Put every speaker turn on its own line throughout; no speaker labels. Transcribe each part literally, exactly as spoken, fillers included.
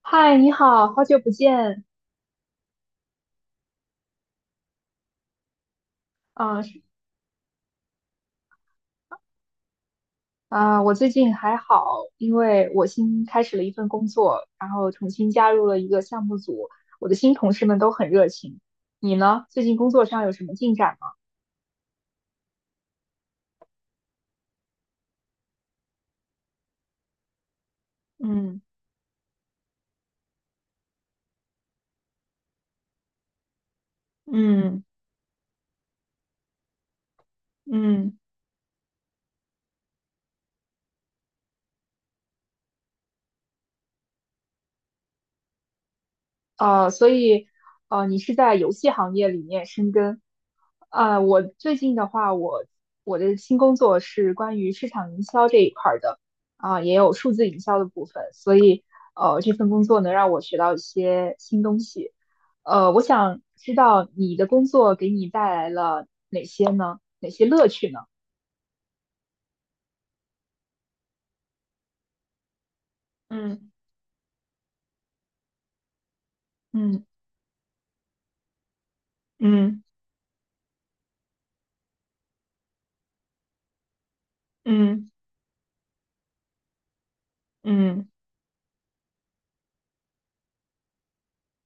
嗨，你好，好久不见。嗯、啊，我最近还好，因为我新开始了一份工作，然后重新加入了一个项目组，我的新同事们都很热情。你呢？最近工作上有什么进展吗？嗯嗯嗯。呃，所以呃，你是在游戏行业里面深耕。啊，我最近的话，我我的新工作是关于市场营销这一块儿的，啊、也有数字营销的部分，所以呃，这份工作能让我学到一些新东西。呃，我想知道你的工作给你带来了哪些呢？哪些乐趣呢？嗯嗯嗯嗯嗯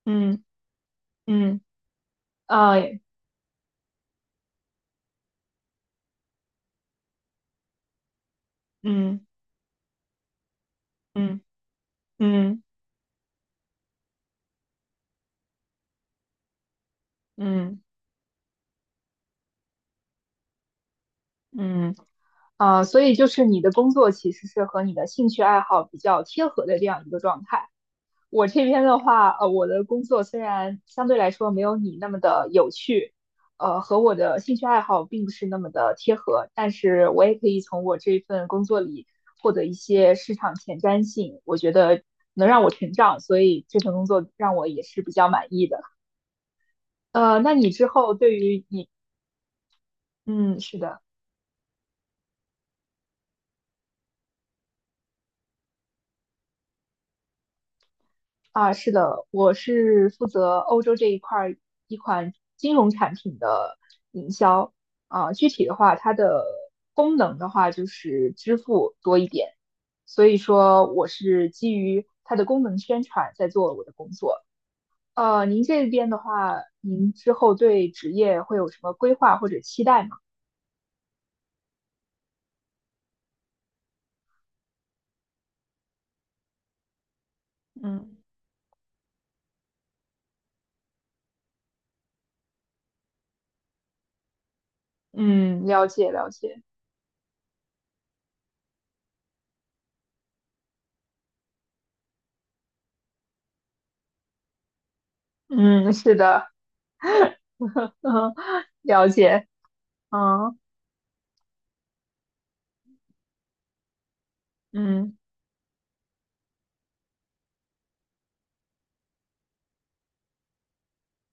嗯嗯呃，嗯嗯嗯嗯嗯嗯。啊，所以就是你的工作其实是和你的兴趣爱好比较贴合的这样一个状态。我这边的话，呃，我的工作虽然相对来说没有你那么的有趣，呃，和我的兴趣爱好并不是那么的贴合，但是我也可以从我这份工作里获得一些市场前瞻性，我觉得能让我成长，所以这份工作让我也是比较满意的。呃，那你之后对于你，嗯，是的。啊，是的，我是负责欧洲这一块儿一款金融产品的营销。啊，具体的话，它的功能的话就是支付多一点，所以说我是基于它的功能宣传在做我的工作。呃，您这边的话，您之后对职业会有什么规划或者期待吗？嗯。嗯，了解了解。嗯，是的，嗯，了解。嗯嗯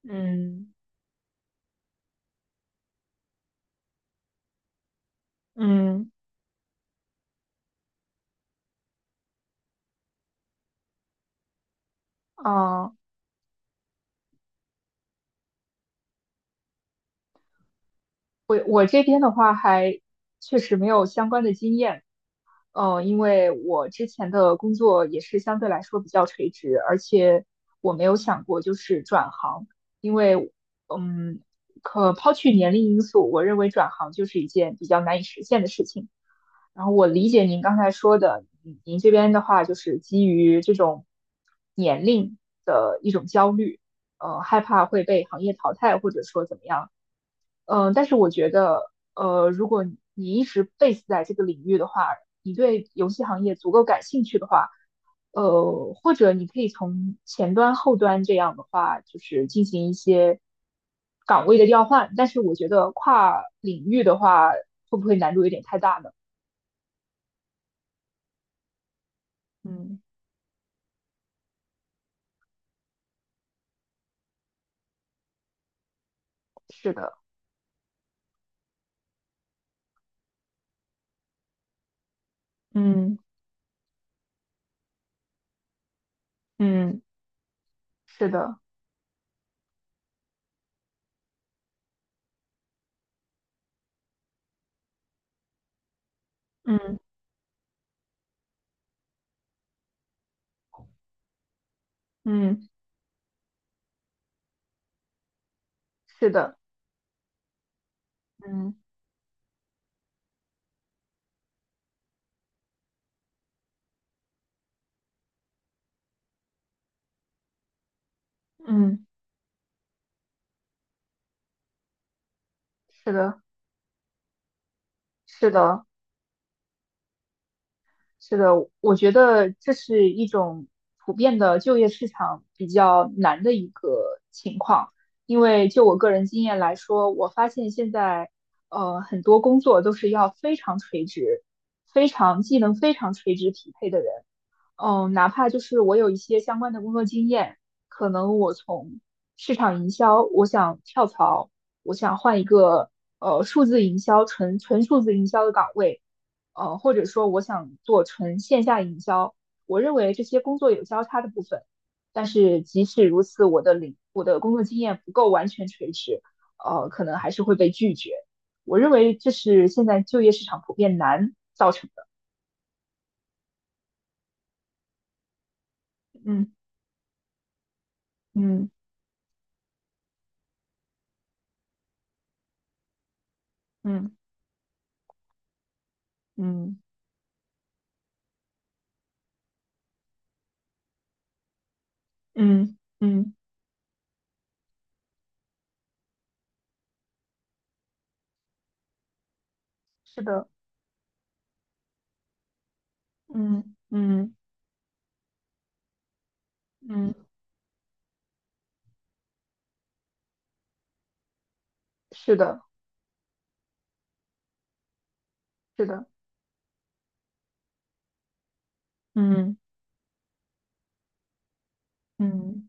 嗯。嗯嗯，我我这边的话还确实没有相关的经验，嗯，因为我之前的工作也是相对来说比较垂直，而且我没有想过就是转行，因为嗯，可抛去年龄因素，我认为转行就是一件比较难以实现的事情。然后我理解您刚才说的，您您这边的话就是基于这种年龄的一种焦虑，呃，害怕会被行业淘汰，或者说怎么样。嗯呃，但是我觉得，呃，如果你你一直 base 在这个领域的话，你对游戏行业足够感兴趣的话，呃，或者你可以从前端、后端这样的话，就是进行一些岗位的调换。但是我觉得跨领域的话，会不会难度有点太大呢？嗯，是的，嗯嗯是的，嗯嗯是的，嗯嗯是的，是的。是的，我觉得这是一种普遍的就业市场比较难的一个情况，因为就我个人经验来说，我发现现在呃很多工作都是要非常垂直，非常技能非常垂直匹配的人。嗯，哪怕就是我有一些相关的工作经验，可能我从市场营销，我想跳槽，我想换一个呃数字营销纯纯数字营销的岗位，呃，或者说我想做纯线下营销，我认为这些工作有交叉的部分，但是即使如此，我的领我的工作经验不够完全垂直，呃，可能还是会被拒绝。我认为这是现在就业市场普遍难造成的。嗯嗯嗯嗯。嗯嗯，是的，嗯嗯嗯，是的，是的，嗯嗯，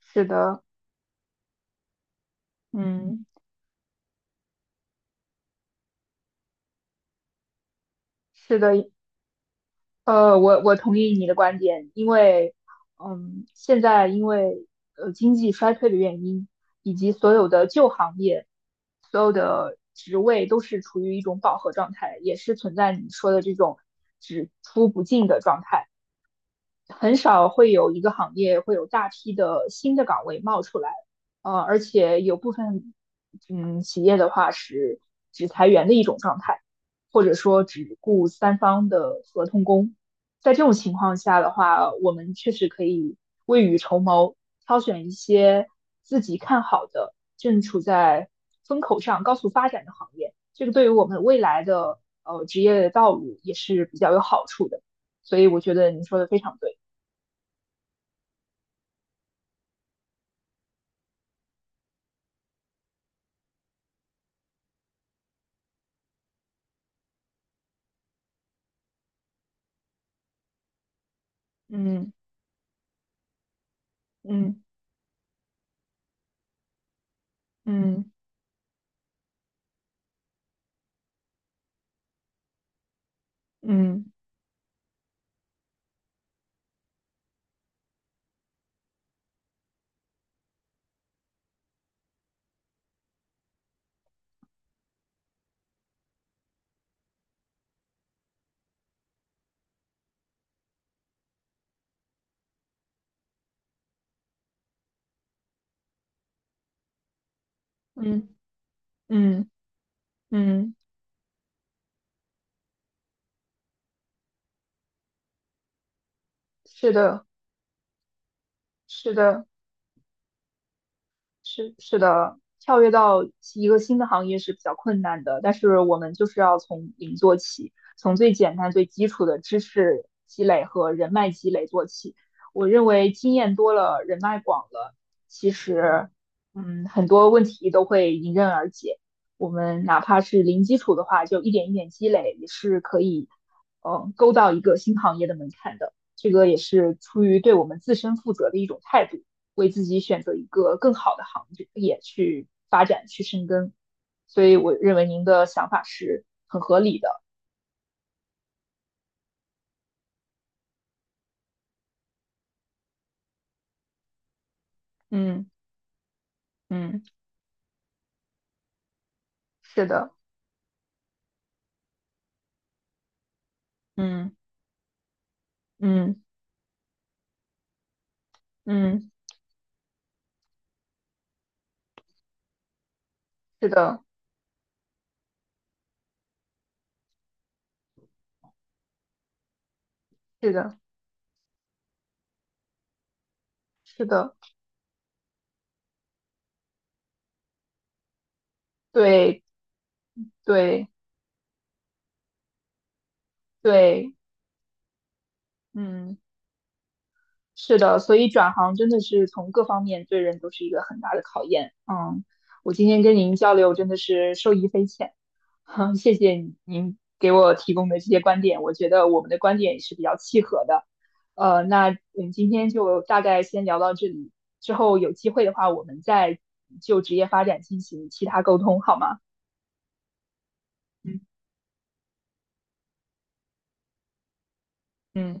是的，嗯是的，呃，我我同意你的观点，因为，嗯，现在因为呃经济衰退的原因，以及所有的旧行业，所有的职位都是处于一种饱和状态，也是存在你说的这种只出不进的状态。很少会有一个行业会有大批的新的岗位冒出来，呃，而且有部分嗯企业的话是只裁员的一种状态，或者说只雇三方的合同工。在这种情况下的话，我们确实可以未雨绸缪，挑选一些自己看好的、正处在风口上、高速发展的行业。这个对于我们未来的呃职业道路也是比较有好处的。所以我觉得你说的非常对。嗯嗯嗯嗯嗯嗯嗯，嗯是的，是的。是是的，跳跃到一个新的行业是比较困难的，但是我们就是要从零做起，从最简单、最基础的知识积累和人脉积累做起。我认为经验多了，人脉广了，其实，嗯，很多问题都会迎刃而解。我们哪怕是零基础的话，就一点一点积累，也是可以，嗯，勾到一个新行业的门槛的。这个也是出于对我们自身负责的一种态度。为自己选择一个更好的行业去发展、去深耕。所以我认为您的想法是很合理的。嗯嗯是的，嗯嗯嗯是的，是的，是的，对对对，嗯。是的，所以转行真的是从各方面对人都是一个很大的考验。嗯，我今天跟您交流真的是受益匪浅，哼，谢谢您给我提供的这些观点，我觉得我们的观点也是比较契合的。呃，那我们今天就大概先聊到这里，之后有机会的话，我们再就职业发展进行其他沟通，好吗？嗯嗯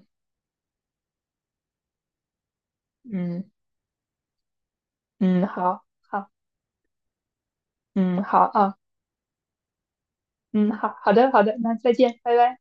嗯嗯，好好，嗯好啊，嗯好好的好的，那再见，拜拜。